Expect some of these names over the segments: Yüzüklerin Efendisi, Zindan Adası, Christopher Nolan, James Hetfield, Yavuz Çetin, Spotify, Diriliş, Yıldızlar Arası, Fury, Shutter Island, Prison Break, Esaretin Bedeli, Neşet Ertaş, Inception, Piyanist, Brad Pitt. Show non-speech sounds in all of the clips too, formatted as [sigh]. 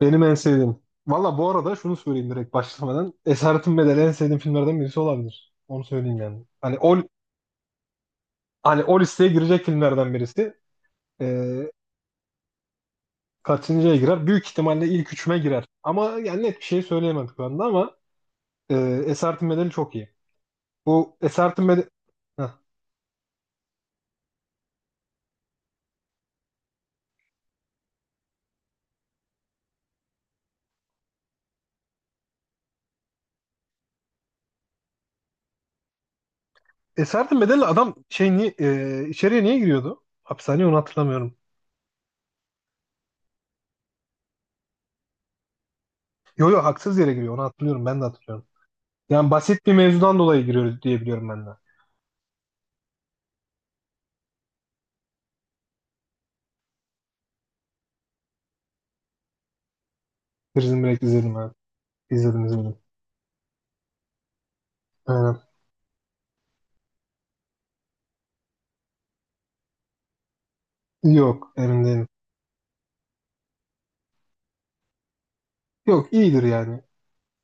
Benim en sevdiğim. Valla bu arada şunu söyleyeyim direkt başlamadan. Esaretin Bedeli en sevdiğim filmlerden birisi olabilir. Onu söyleyeyim yani. Hani o, hani o listeye girecek filmlerden birisi. Ee, kaçıncıya girer? Büyük ihtimalle ilk üçüme girer. Ama yani net bir şey söyleyemem şu anda ama e, Esaretin Bedeli çok iyi. Bu Esaretin Bedeli... Heh. Esaretin Bedeli adam şey niye, içeriye niye giriyordu? Hapishaneye onu hatırlamıyorum. Yo yo haksız yere giriyor onu hatırlıyorum ben de hatırlıyorum. Yani basit bir mevzudan dolayı giriyor diye biliyorum ben de. Prison Break izledim, evet. İzledim. Aynen. Yok, emin değilim. Yok, iyidir yani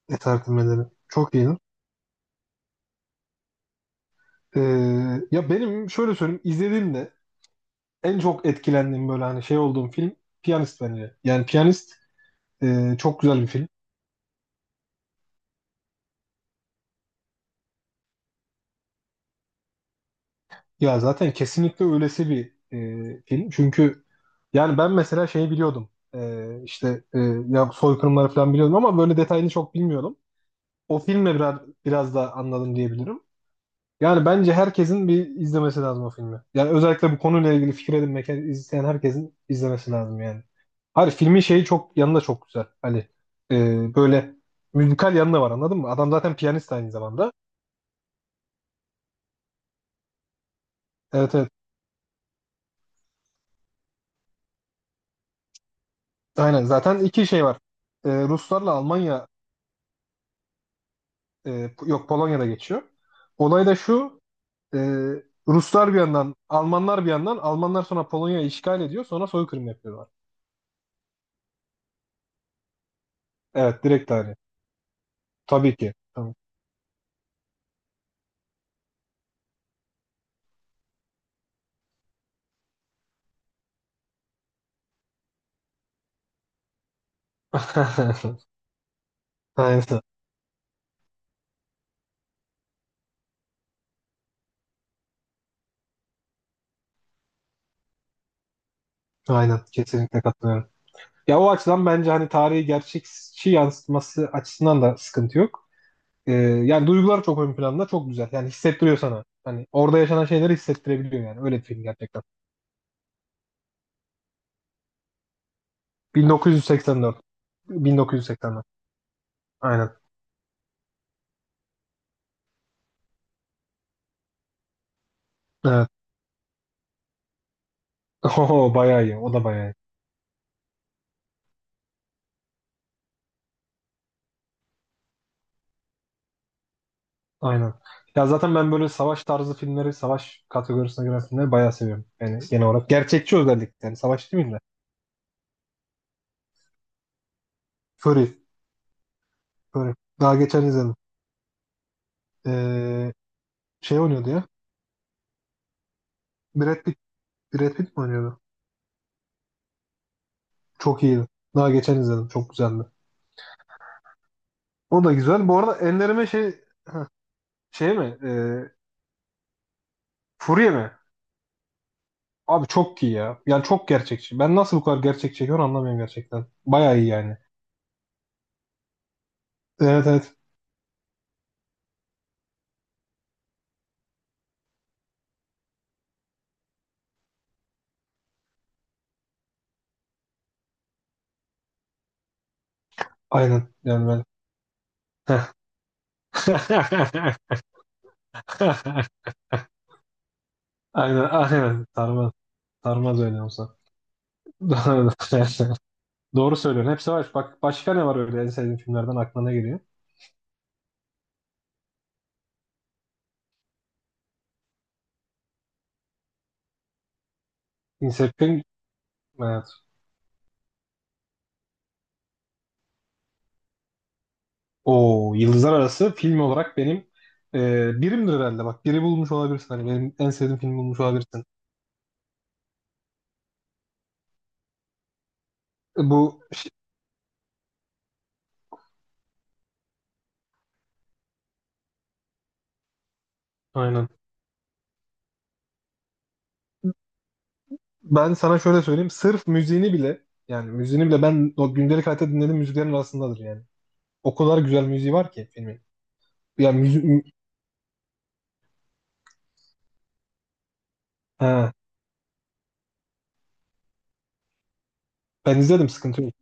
eserlemeleri. Çok iyidir. Ee, ya benim şöyle söyleyeyim, izlediğimde en çok etkilendiğim böyle hani şey olduğum film Piyanist, bence. Yani Piyanist çok güzel bir film. Ya zaten kesinlikle öylesi bir film. Çünkü yani ben mesela şeyi biliyordum. İşte ya soykırımları falan biliyordum ama böyle detayını çok bilmiyordum. O filmle biraz, da anladım diyebilirim. Yani bence herkesin bir izlemesi lazım o filmi. Yani özellikle bu konuyla ilgili fikir edinmek isteyen herkesin izlemesi lazım yani. Hayır, filmin şeyi çok yanında çok güzel. Hani böyle müzikal yanında var, anladın mı? Adam zaten piyanist aynı zamanda. Evet, evet. Aynen, zaten iki şey var. Ruslarla Almanya e, yok, Polonya'da geçiyor. Olay da şu. e, Ruslar bir yandan, Almanlar bir yandan. Almanlar sonra Polonya'yı işgal ediyor, sonra soykırım yapıyorlar. Evet, direkt aynı. Tabii ki. Tamam. [laughs] Aynen. Aynen, kesinlikle katılıyorum. Ya o açıdan bence hani tarihi gerçekçi yansıtması açısından da sıkıntı yok. Yani duygular çok ön planda, çok güzel. Yani hissettiriyor sana. Hani orada yaşanan şeyleri hissettirebiliyor yani. Öyle bir film gerçekten. 1984. 1984. Aynen. Evet. [laughs] Oho, bayağı iyi. O da bayağı iyi. Aynen. Ya zaten ben böyle savaş tarzı filmleri, savaş kategorisine giren filmleri bayağı seviyorum. Yani genel olarak. Gerçekçi özellikle. Yani savaş değil de. Fury. Fury. Daha geçen izledim. Ee, şey oynuyordu ya. Brad Pitt Brad Pitt mi oynuyordu? Çok iyiydi. Daha geçen izledim. Çok güzeldi. O da güzel. Bu arada ellerime şey, şey mi? Furya mi? Abi çok iyi ya. Yani çok gerçekçi. Ben nasıl bu kadar gerçek çekiyorum anlamıyorum gerçekten. Bayağı iyi yani. Evet, evet. Aynen. Yani ben. [laughs] Aynen, aynen. Sarmaz. Sarmaz öyle olsa. [laughs] Doğru söylüyorsun. Hepsi var. Bak başka ne var, öyle en sevdiğin filmlerden aklına ne geliyor? Inception. Evet. O Yıldızlar Arası film olarak benim birimdir herhalde. Bak biri bulmuş olabilirsin. Hani benim en sevdiğim film bulmuş olabilirsin. Bu şey- aynen. Ben sana şöyle söyleyeyim. Sırf müziğini bile, yani müziğini bile ben o gündelik hayatta dinlediğim müziklerin arasındadır yani. O kadar güzel müziği var ki filmin. Ya müzik, ha, ben izledim, sıkıntı yok.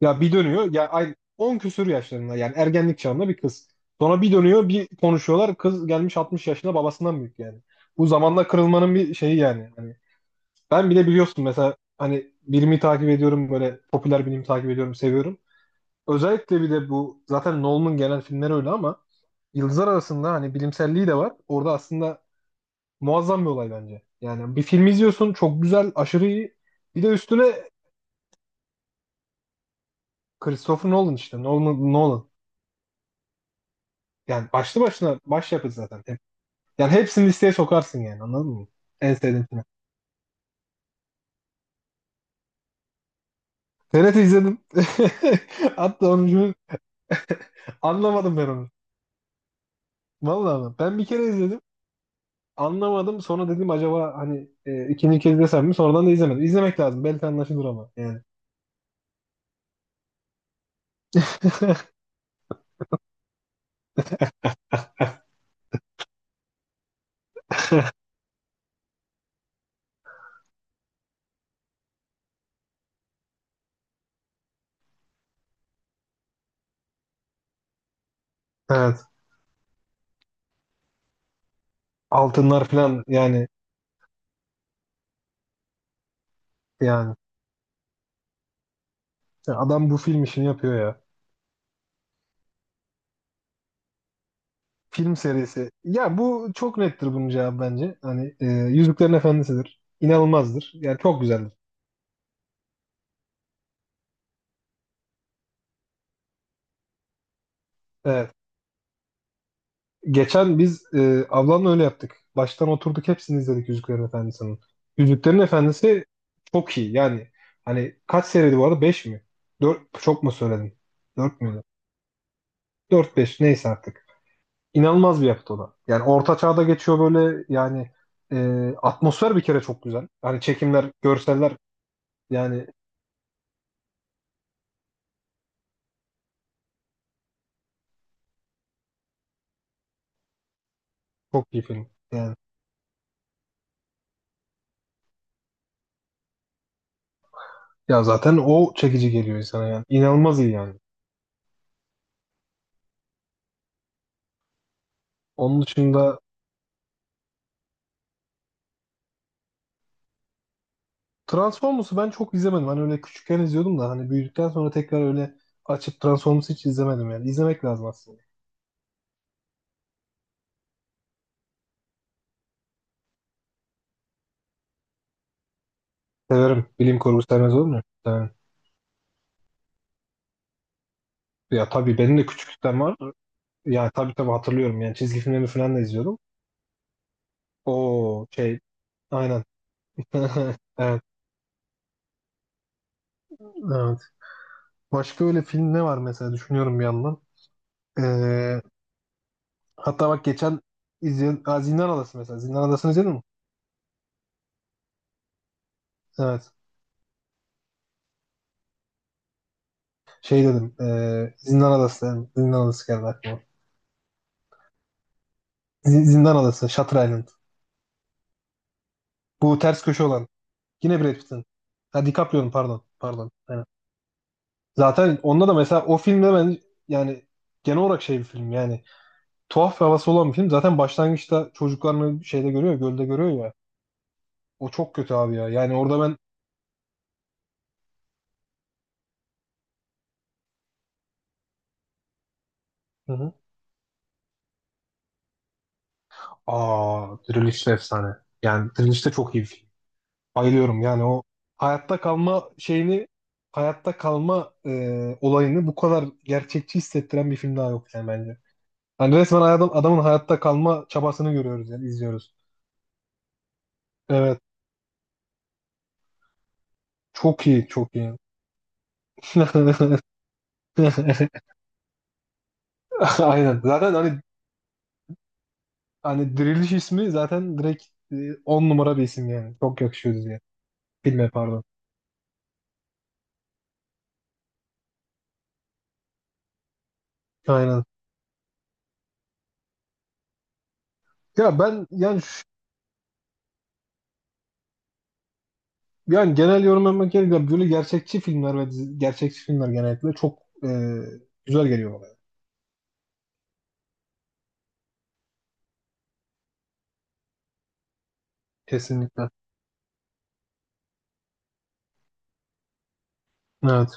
Ya bir dönüyor ya, ay, 10 küsur yaşlarında yani ergenlik çağında bir kız. Sonra bir dönüyor, bir konuşuyorlar. Kız gelmiş 60 yaşında, babasından büyük yani. Bu zamanla kırılmanın bir şeyi yani. Hani ben bile biliyorsun mesela, hani bilimi takip ediyorum, böyle popüler bilimi takip ediyorum, seviyorum. Özellikle bir de bu zaten Nolan'ın gelen filmleri öyle ama Yıldızlar arasında hani bilimselliği de var. Orada aslında muazzam bir olay bence. Yani bir film izliyorsun, çok güzel, aşırı iyi. Bir de üstüne Christopher Nolan, işte Nolan. Yani başlı başına başyapıt zaten. Hep- yani hepsini listeye sokarsın yani, anladın mı? En sevdiğin film. TRT izledim. [laughs] Hatta onu anlamadım ben onu. Vallahi bak, ben bir kere izledim. Anlamadım. Sonra dedim acaba hani ikinci kez desem mi? Sonradan da izlemedim. İzlemek lazım. Belki anlaşılır ama yani. [laughs] Evet. Altınlar falan yani, yani. Adam bu film işini yapıyor ya. Film serisi. Ya bu çok nettir bunun cevabı bence. Hani Yüzüklerin Efendisi'dir. İnanılmazdır. Yani çok güzeldir. Evet. Geçen biz ablamla öyle yaptık. Baştan oturduk, hepsini izledik Yüzüklerin Efendisi'nin. Yüzüklerin Efendisi çok iyi. Yani hani kaç seriydi bu arada? 5 mi? 4 çok mu söyledim? 4 mü? 4-5, neyse artık. İnanılmaz bir yapıt o da. Yani orta çağda geçiyor böyle yani, atmosfer bir kere çok güzel. Hani çekimler, görseller, yani çok iyi film. Yani ya zaten o çekici geliyor insana yani. İnanılmaz iyi yani. Onun dışında Transformers'ı ben çok izlemedim. Hani öyle küçükken izliyordum da hani büyüdükten sonra tekrar öyle açıp Transformers'ı hiç izlemedim yani. İzlemek lazım aslında. Severim. Bilim kurgu sevmez olur mu? Yani, ya tabii benim de küçüklükten var. Yani tabii, tabii hatırlıyorum. Yani çizgi filmlerini falan da izliyordum. O şey. Aynen. [laughs] Evet. Evet. Başka öyle film ne var mesela, düşünüyorum bir yandan. Ee, hatta bak geçen izleyen, aa, Zindan Adası mesela. Zindan Adası'nı izledin mi? Evet. Şey dedim. Zindan Adası dedim. Zindan Adası geldi aklıma. Z- Zindan Adası. Shutter Island. Bu ters köşe olan. Yine Brad Pitt'in. Ha, DiCaprio'nun, pardon. Pardon. Aynen. Zaten onda da mesela, o filmde ben, yani genel olarak şey bir film yani, tuhaf bir havası olan bir film. Zaten başlangıçta çocuklarını şeyde görüyor, gölde görüyor ya. O çok kötü abi ya. Yani orada ben, hı hı. Aa, Diriliş de efsane. Yani Diriliş de çok iyi bir film. Bayılıyorum yani o hayatta kalma şeyini, hayatta kalma olayını bu kadar gerçekçi hissettiren bir film daha yok yani, bence. Yani resmen adam, adamın hayatta kalma çabasını görüyoruz yani, izliyoruz. Evet. Çok iyi, çok iyi. [laughs] Aynen. Zaten hani, hani Diriliş ismi zaten direkt e, 10 numara bir isim yani. Çok yakışıyor diye. Filme, pardon. Aynen. Ya ben yani, yani genel yorum yapmak gerekirse böyle gerçekçi filmler ve dizi- gerçekçi filmler genellikle çok e, güzel geliyor bana. Kesinlikle. Evet.